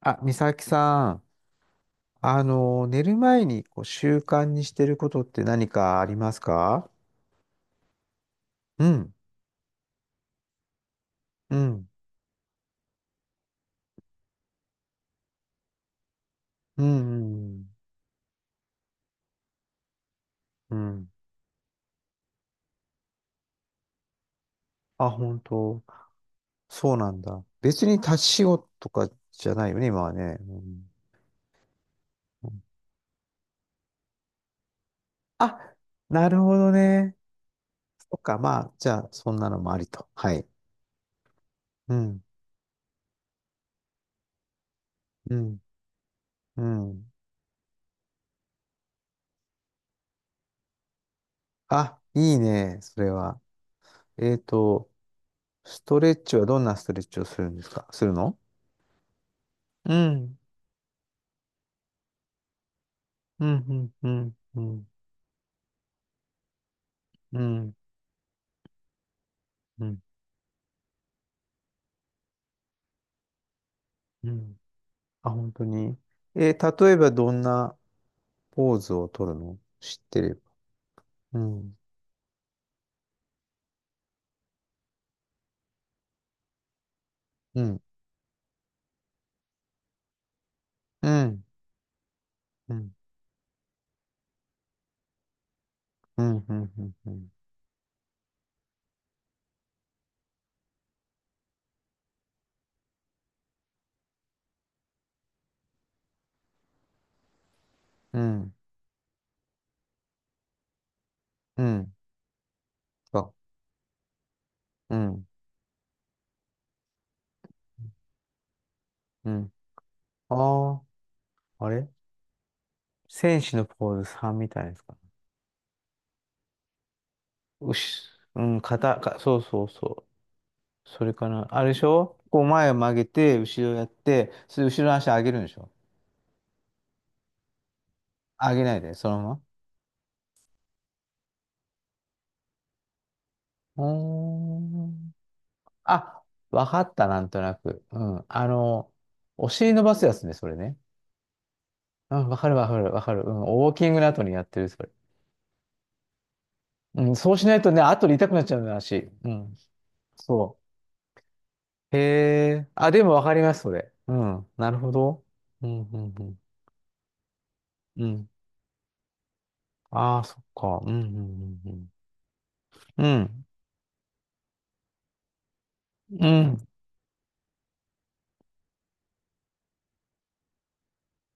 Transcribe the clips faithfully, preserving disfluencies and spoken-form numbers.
あ、美咲さん、あの、寝る前にこう習慣にしてることって何かありますか？うん、うん、うん、うん、うん。あ、本当、そうなんだ。別に立ち仕事とかじゃないよね、今はね。うんうん。あ、なるほどね。そっか、まあ、じゃあ、そんなのもありと。はい。うん、うん、うん。あ、いいね、それは。えっと、ストレッチはどんなストレッチをするんですかするの？うん。うん、うん、うん、うん、うん、うん。あ、本当に。えー例えばどんなポーズを取るの知ってれば。うん、うん、うん、うん、うん、うん、うん、うん、うん、あ、うん、うん。ああ、あれ戦士のポーズさんみたいですか？うし、うん、肩、か、そうそうそう。それかな。あれでしょこう前を曲げて、後ろやって、それ後ろの足上げるんでしょ？上げないで、そのまま。うーん、あ、わかった、なんとなく。うん。あの、お尻伸ばすやつね、それね。うん、わかるわかるわかる。うん、ウォーキングの後にやってる、それ。うん、そうしないとね、後で痛くなっちゃうんだし。足うん。そう。へえ。あ、でもわかります、それ。うん。なるほど。うん、うん、うん。うん。ああ、そっか。うん、うん、うん。うん。うん。うん、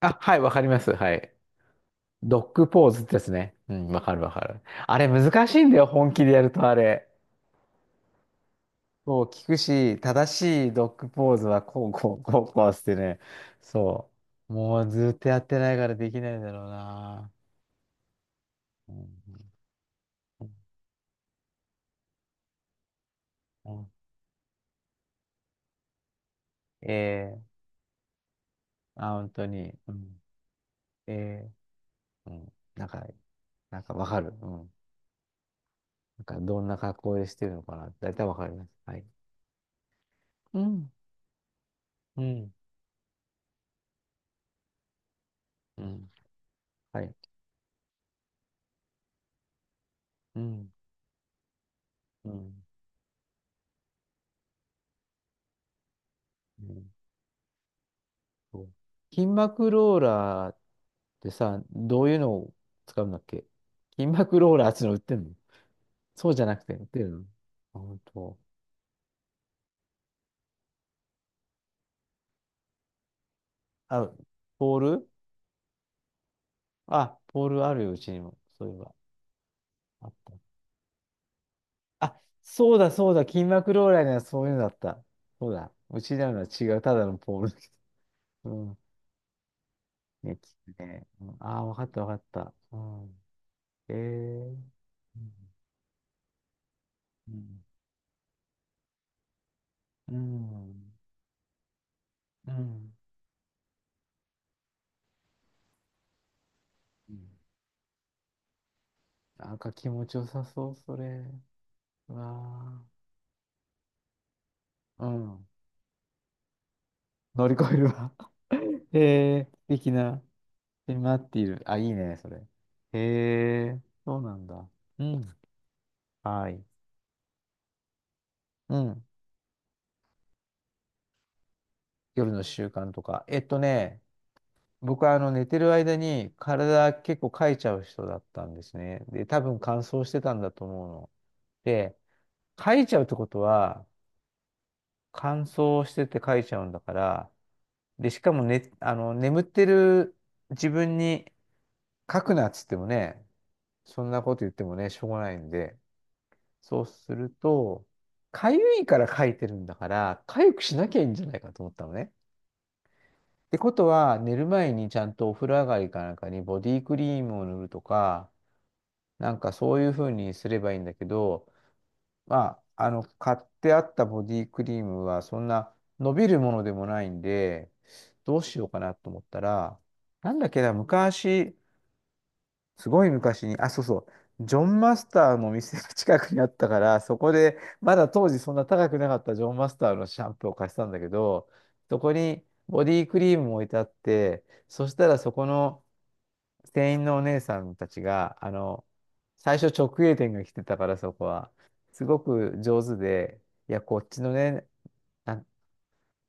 あ、はい、わかります。はい。ドッグポーズですね。うん、わかるわかる。あれ難しいんだよ、本気でやるとあれ。そう、聞くし、正しいドッグポーズはこう、こう、こう、こうしてね。そう。もうずっとやってないからできないんだろうな。うんうんうん、ええ、あ、本当に。うん、ええ、うん、なんか、なんかわかる。うん。なんかどんな格好でしてるのかな。だいたいわかります。はい。うん。うん。うん。はい。うん。うん。うん。そう、筋膜ローラーってさ、どういうのを使うんだっけ？筋膜ローラーっていうの売ってんの？そうじゃなくて売ってるの？あ、本当。あ、ポール、あ、ポールあるよ、うちにも。そういえば。あった。あ、そうだ、そうだ。筋膜ローラーにはそういうのだった。そうだ。うちなのは違う。ただのポールだけど。うん。ね、きつね。うん、ああ、わかった、わかった。うん。えー。うん。うん。うん。うん。うん、なんか気持ちよさそう、それ。うわあ。うん。乗り越えるわ。へえ、素敵な。で待っている。あ、いいね、それ。へえ、そうなんだ。うん。はい。うん。夜の習慣とか。えっとね、僕はあの寝てる間に体結構かいちゃう人だったんですね。で、多分乾燥してたんだと思うの。で、かいちゃうってことは、乾燥しててかいちゃうんだから、で、しかもね、あの、眠ってる自分に書くなっつってもね、そんなこと言ってもね、しょうがないんで、そうすると、かゆいから書いてるんだから、かゆくしなきゃいいんじゃないかと思ったのね。ってことは、寝る前にちゃんとお風呂上がりかなんかにボディクリームを塗るとか、なんかそういうふうにすればいいんだけど、まあ、あの、買ってあったボディクリームは、そんな伸びるものでもないんで、どうしようかなと思ったら、なんだっけな、昔、すごい昔に、あ、そうそう、ジョンマスターの店が近くにあったから、そこで、まだ当時そんな高くなかったジョンマスターのシャンプーを貸したんだけど、そこにボディクリームも置いてあって、そしたらそこの、店員のお姉さんたちが、あの、最初直営店が来てたからそこは、すごく上手で、いや、こっちのね、なん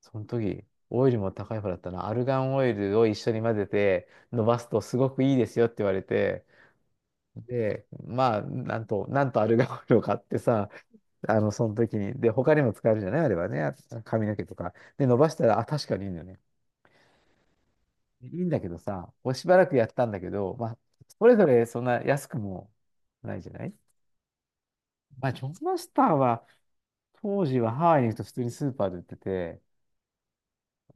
その時、オイルも高い方だったな、アルガンオイルを一緒に混ぜて伸ばすとすごくいいですよって言われて、で、まあ、なんと、なんとアルガンオイルを買ってさ、あの、その時に、で、他にも使えるじゃないあればね、あ、髪の毛とか。で、伸ばしたら、あ、確かにいいんだよね。いいんだけどさ、こうしばらくやったんだけど、まあ、それぞれそんな安くもないじゃない。まあ、ジョンマスターは、当時はハワイに行くと普通にスーパーで売ってて、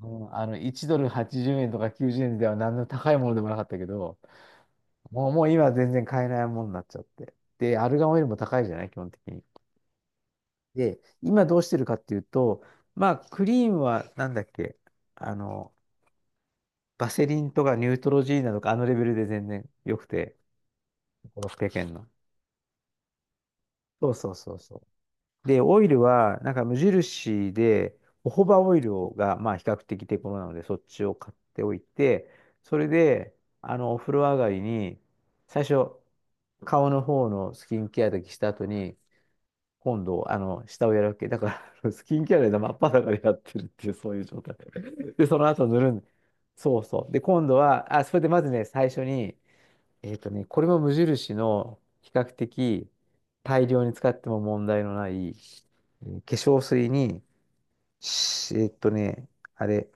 うん、あの、いちドルはちじゅうえんとかきゅうじゅうえんでは何の高いものでもなかったけど、もう、もう今は全然買えないものになっちゃって。で、アルガンオイルも高いじゃない基本的に。で、今どうしてるかっていうと、まあ、クリームはなんだっけ、あの、バセリンとかニュートロジーナとかあのレベルで全然良くて、ご、ろっぴゃくんの。そうそうそうそう。で、オイルは、なんか無印で、ホホバオイルが、まあ、比較的手頃なので、そっちを買っておいて、それで、あの、お風呂上がりに、最初、顔の方のスキンケアだけした後に、今度、あの、下をやるわけ。だから、スキンケアで真っ裸でやってるっていう、そういう状態。で、その後塗るん。そうそう。で、今度は、あ、それでまずね、最初に、えっとね、これも無印の比較的大量に使っても問題のない、えー化粧水に、しえっとね、あれ、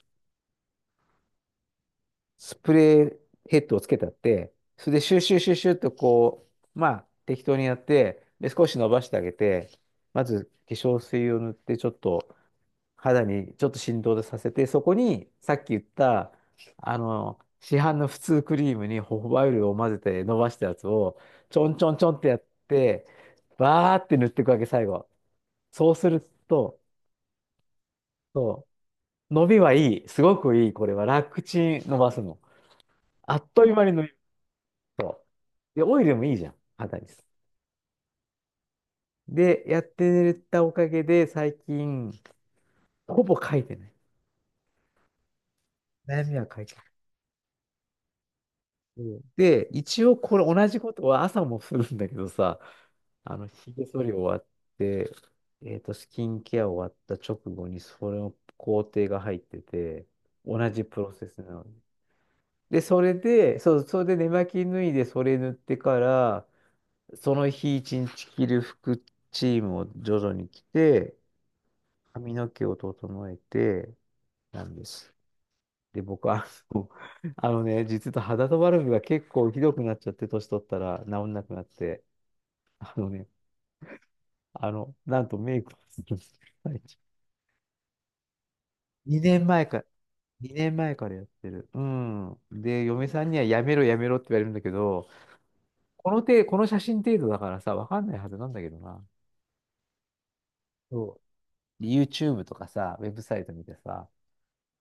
スプレーヘッドをつけたって、それでシューシューシューシューとこう、まあ適当にやって、で、少し伸ばしてあげて、まず化粧水を塗ってちょっと肌にちょっと振動でさせて、そこにさっき言った、あの、市販の普通クリームにホホバイルを混ぜて伸ばしたやつを、ちょんちょんちょんってやって、バーって塗っていくわけ、最後。そうすると、そう、伸びはいい。すごくいい。これは楽ちん伸ばすの。あっという間に伸びると。そで、オイルもいいじゃん、肌に。で、やってたおかげで、最近、ほぼ書いてない。悩みは書ないて、うんで、一応これ同じことは朝もするんだけどさ、あの、ひげ剃り終わって、えっと、スキンケア終わった直後にそれの工程が入ってて、同じプロセスなの。で、それで、そう、それで寝巻き脱いでそれ塗ってから、その日一日着る服チームを徐々に着て、髪の毛を整えて、なんです。で、僕は、あの あのね、実は肌とバルブが結構ひどくなっちゃって、年取ったら治んなくなって、あのね、あの、なんとメイクをするんです。最近にねんまえから、にねんまえからやってる。うん。で、嫁さんにはやめろやめろって言われるんだけど、この程この写真程度だからさ、わかんないはずなんだけどな。そう。ユーチューブ とかさ、ウェブサイト見てさ、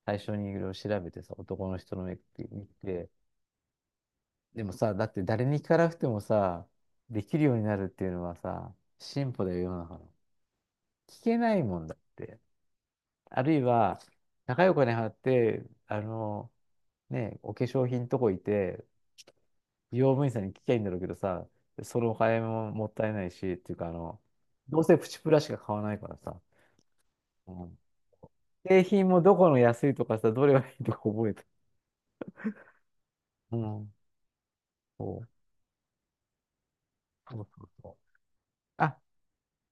最初にいろいろ調べてさ、男の人のメイクって見て、でもさ、だって誰に聞かなくてもさ、できるようになるっていうのはさ、進歩だよ、世の中の。聞けないもんだって。あるいは、高いお金払って、あの、ね、お化粧品とこ行って、美容部員さんに聞きゃいいんだろうけどさ、そのお金ももったいないし、っていうか、あの、どうせプチプラしか買わないからさ、うん、製品もどこの安いとかさ、どれがいいとか覚えて。うん。そうそうそうそう。あ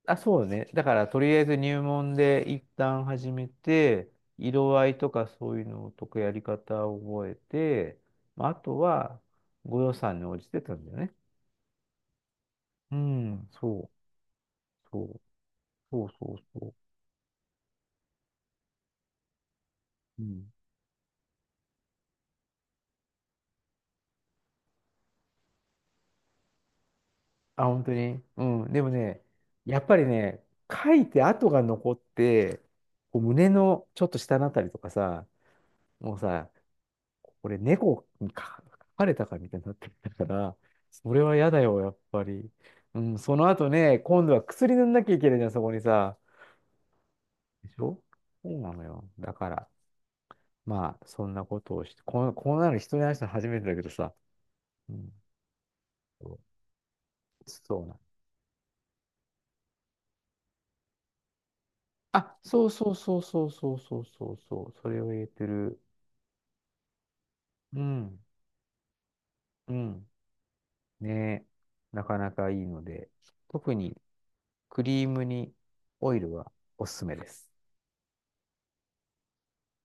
あ、そうね。だから、とりあえず入門で一旦始めて、色合いとかそういうのとかやり方を覚えて、まあ、あとは、ご予算に応じてたんだよね。うん、そう、そう、そうそうそう。うん。あ、本当にうん。でもね、やっぱりね、書いて跡が残って、こう胸のちょっと下のあたりとかさ、もうさ、これ猫にか書かれたかみたいになってきたから、それは嫌だよ、やっぱり。うん、その後ね、今度は薬塗んなきゃいけないじゃん、そこにさ。でしょ？そうなのよ。だから、まあ、そんなことをして、こんこんなの人に話したの初めてだけどさ。うん、そう、そうなの。あ、そうそうそうそうそうそうそうそう、それを言えてる。うん、うん。ねえ、なかなかいいので、特にクリームにオイルはおすすめです。